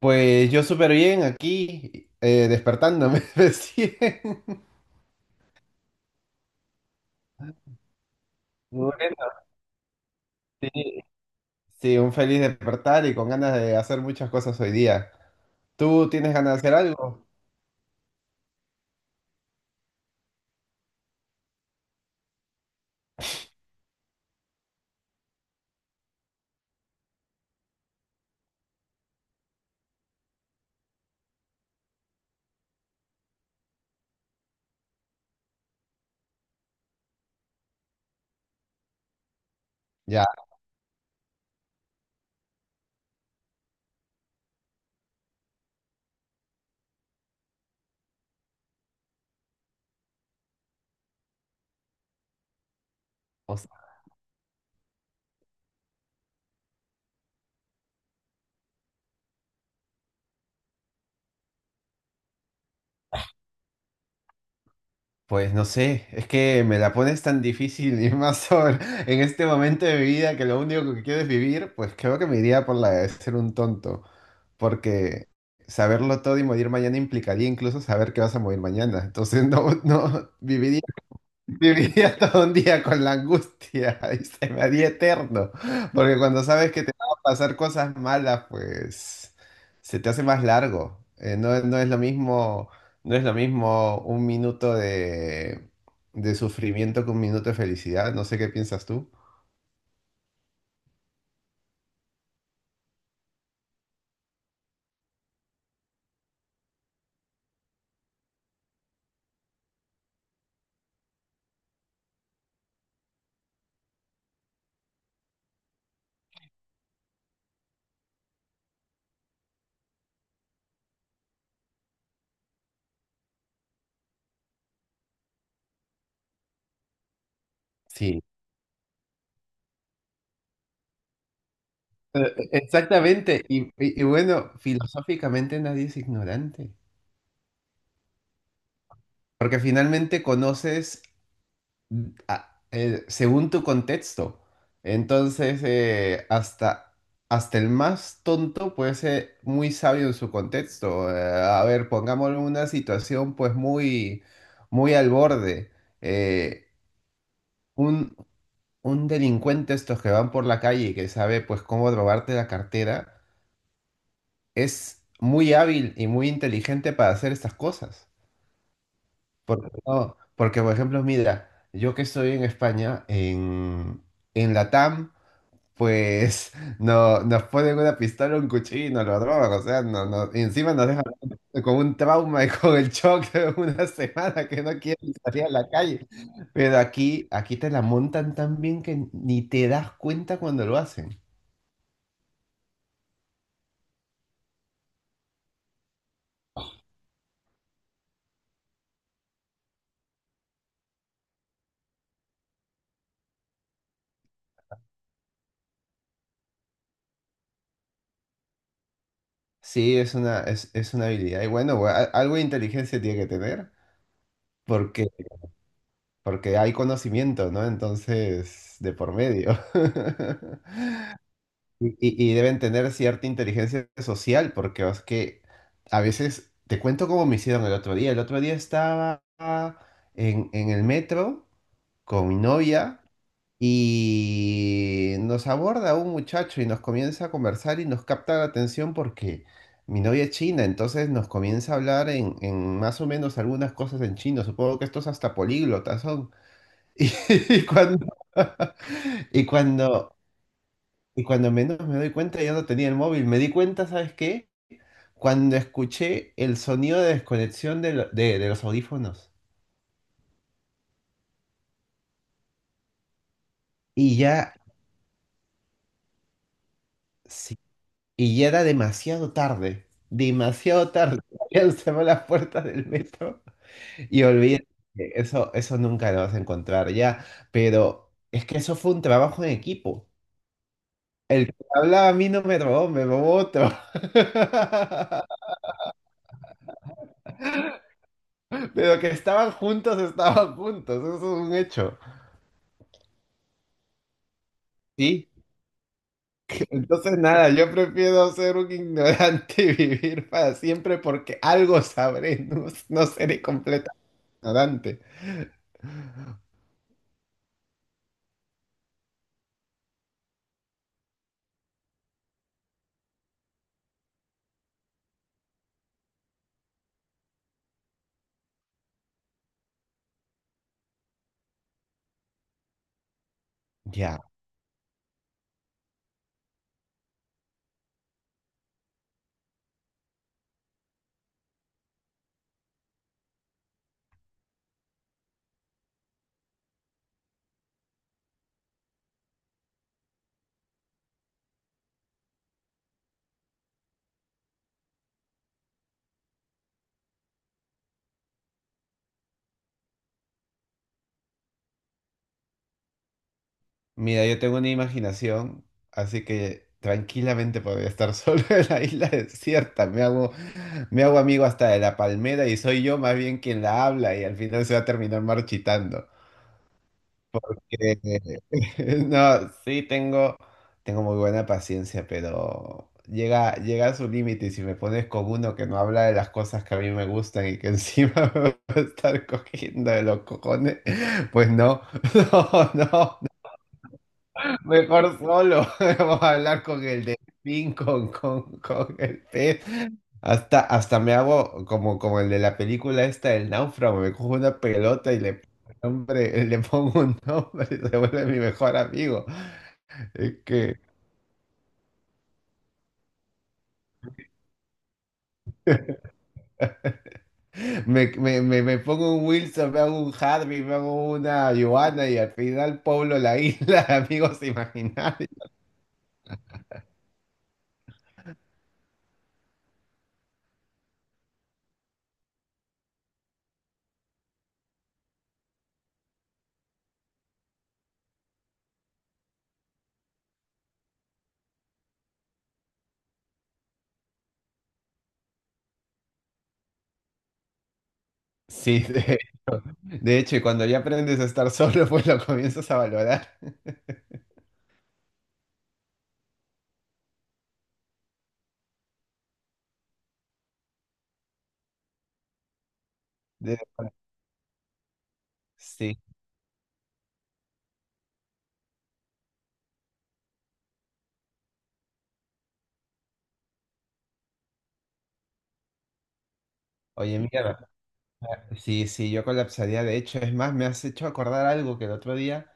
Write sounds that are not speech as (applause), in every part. Pues yo súper bien aquí, despertándome (laughs) recién. Bueno, sí. Sí, un feliz despertar y con ganas de hacer muchas cosas hoy día. ¿Tú tienes ganas de hacer algo? Ya, o sea, pues no sé, es que me la pones tan difícil (laughs) y más ahora, en este momento de mi vida que lo único que quiero es vivir, pues creo que me iría por la de ser un tonto, porque saberlo todo y morir mañana implicaría incluso saber que vas a morir mañana. Entonces (laughs) no, no, viviría. Viviría (laughs) todo un día con la angustia (laughs) y se me haría eterno, porque cuando sabes que te van a pasar cosas malas, pues se te hace más largo. No, no es lo mismo, no es lo mismo un minuto de sufrimiento que un minuto de felicidad. No sé qué piensas tú. Sí. Exactamente. Y bueno, filosóficamente nadie es ignorante, porque finalmente conoces según tu contexto. Entonces, hasta el más tonto puede ser muy sabio en su contexto. A ver, pongámoslo en una situación pues muy, muy al borde. Eh, un, un delincuente estos que van por la calle y que sabe pues cómo robarte la cartera, es muy hábil y muy inteligente para hacer estas cosas. Porque, no, porque por ejemplo, mira, yo que estoy en España, en Latam pues (laughs) no, nos ponen una pistola, un cuchillo y nos lo drogan, o sea, no, no, y encima nos dejan (laughs) con un trauma y con el shock de una (laughs) semana que no quieren salir a la calle. Pero aquí, aquí te la montan tan bien que ni te das cuenta cuando lo hacen. Sí, es una habilidad. Y bueno, algo de inteligencia tiene que tener, porque, porque hay conocimiento, ¿no? Entonces, de por medio. (laughs) Y deben tener cierta inteligencia social, porque es que a veces te cuento cómo me hicieron el otro día. El otro día estaba en el metro con mi novia y nos aborda un muchacho y nos comienza a conversar y nos capta la atención porque mi novia es china, entonces nos comienza a hablar en más o menos algunas cosas en chino. Supongo que estos hasta políglotas son. (laughs) Y cuando, (laughs) y cuando y cuando menos me doy cuenta, ya no tenía el móvil. Me di cuenta, ¿sabes qué? Cuando escuché el sonido de desconexión de los audífonos. Y ya, sí, y ya era demasiado tarde. Demasiado tarde. (laughs) Habían cerrado las puertas del metro. Y olvidé que eso nunca lo vas a encontrar ya. Pero es que eso fue un trabajo en equipo. El que hablaba a mí no me robó, me robó otro. (laughs) Pero que estaban juntos, estaban juntos. Eso es un hecho. Sí, entonces, nada, yo prefiero ser un ignorante y vivir para siempre porque algo sabré, no, no seré completamente ignorante. Ya, mira, yo tengo una imaginación, así que tranquilamente podría estar solo (laughs) en la isla desierta. Me hago amigo hasta de la palmera y soy yo más bien quien la habla y al final se va a terminar marchitando. que- (laughs) No, tengo muy buena paciencia, pero llega, llega a su límite y si me pones con uno que no habla de las cosas que a mí me gustan y que encima (laughs) me va a estar cogiendo de los cojones, pues no, (laughs) no, no. Mejor solo. (laughs) Vamos a hablar con el delfín, con el pez. Hasta, hasta me hago como, como el de la película esta, El Náufrago. Me cojo una pelota y le pongo un nombre, (laughs) le pongo un nombre (laughs) y se vuelve mi mejor amigo. Es que me pongo un Wilson, me hago un Harvey, me hago una Joana y al final pueblo la isla, (laughs) amigos imaginarios. Sí, de hecho, y cuando ya aprendes a estar solo, (laughs) pues lo comienzas a valorar. (laughs) De- Sí, oye, mira, sí, sí, yo colapsaría. De hecho, es más, me has hecho acordar algo que el otro día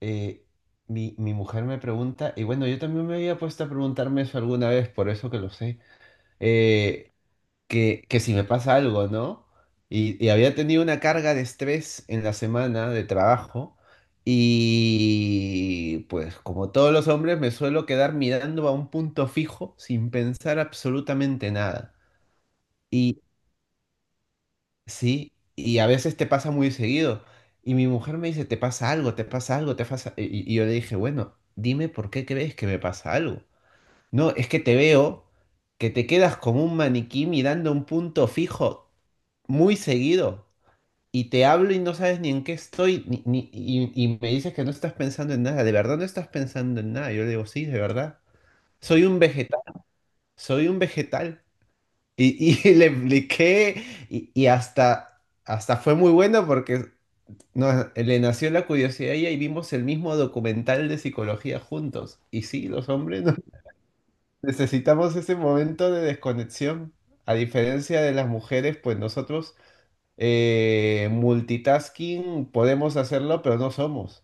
eh, mi mujer me pregunta, y bueno, yo también me había puesto a preguntarme eso alguna vez, por eso que lo sé, eh, que si me pasa algo, ¿no? Había tenido una carga de estrés en la semana de trabajo, y pues como todos los hombres, me suelo quedar mirando a un punto fijo sin pensar absolutamente nada. Sí, y a veces te pasa muy seguido. Y mi mujer me dice, te pasa algo, te pasa algo, te pasa... yo le dije, bueno, dime por qué crees que me pasa algo. No, es que te veo que te quedas como un maniquí mirando un punto fijo muy seguido. Y te hablo y no sabes ni en qué estoy, y me dices que no estás pensando en nada. ¿De verdad no estás pensando en nada? Yo le digo, sí, de verdad. Soy un vegetal, soy un vegetal. (laughs) Le expliqué y hasta... Hasta fue muy bueno porque no, le nació la curiosidad y ahí vimos el mismo documental de psicología juntos. Y sí, los hombres (laughs) necesitamos ese momento de desconexión. A diferencia de las mujeres, pues nosotros multitasking podemos hacerlo, pero no somos.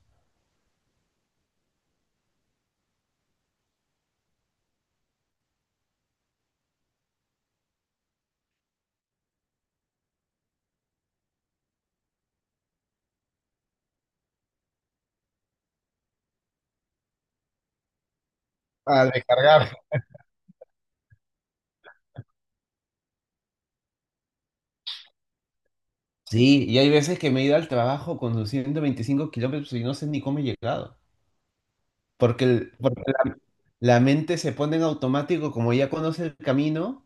Al recargar. Sí, y hay veces que me he ido al trabajo conduciendo 25 kilómetros y no sé ni cómo he llegado. Porque, porque la mente se pone en automático, como ya conoce el camino,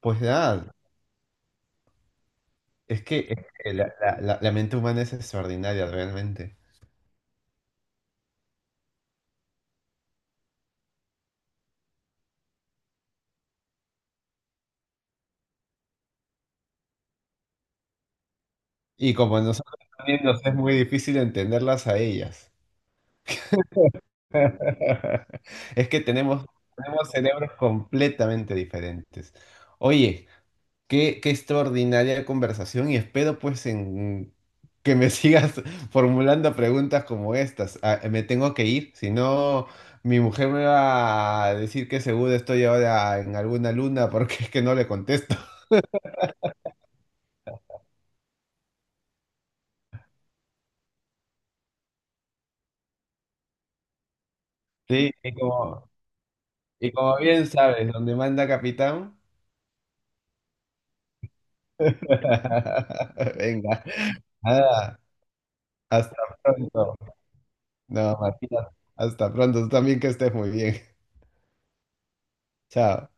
pues nada, es que, la mente humana es extraordinaria realmente. Y como a nosotros también nos es muy difícil entenderlas a ellas. (laughs) Es que tenemos, tenemos cerebros completamente diferentes. Oye, qué, qué extraordinaria conversación y espero pues en que me (laughs) sigas formulando preguntas como estas. Ah, me tengo que ir, si no mi mujer me va a decir que seguro estoy ahora en alguna luna porque es que no le contesto. (laughs) Sí, y como... Y como bien sabes, donde manda capitán. (laughs) Venga, nada, hasta pronto. No, Martina, hasta pronto. Tú también que estés muy bien. (laughs) Chao.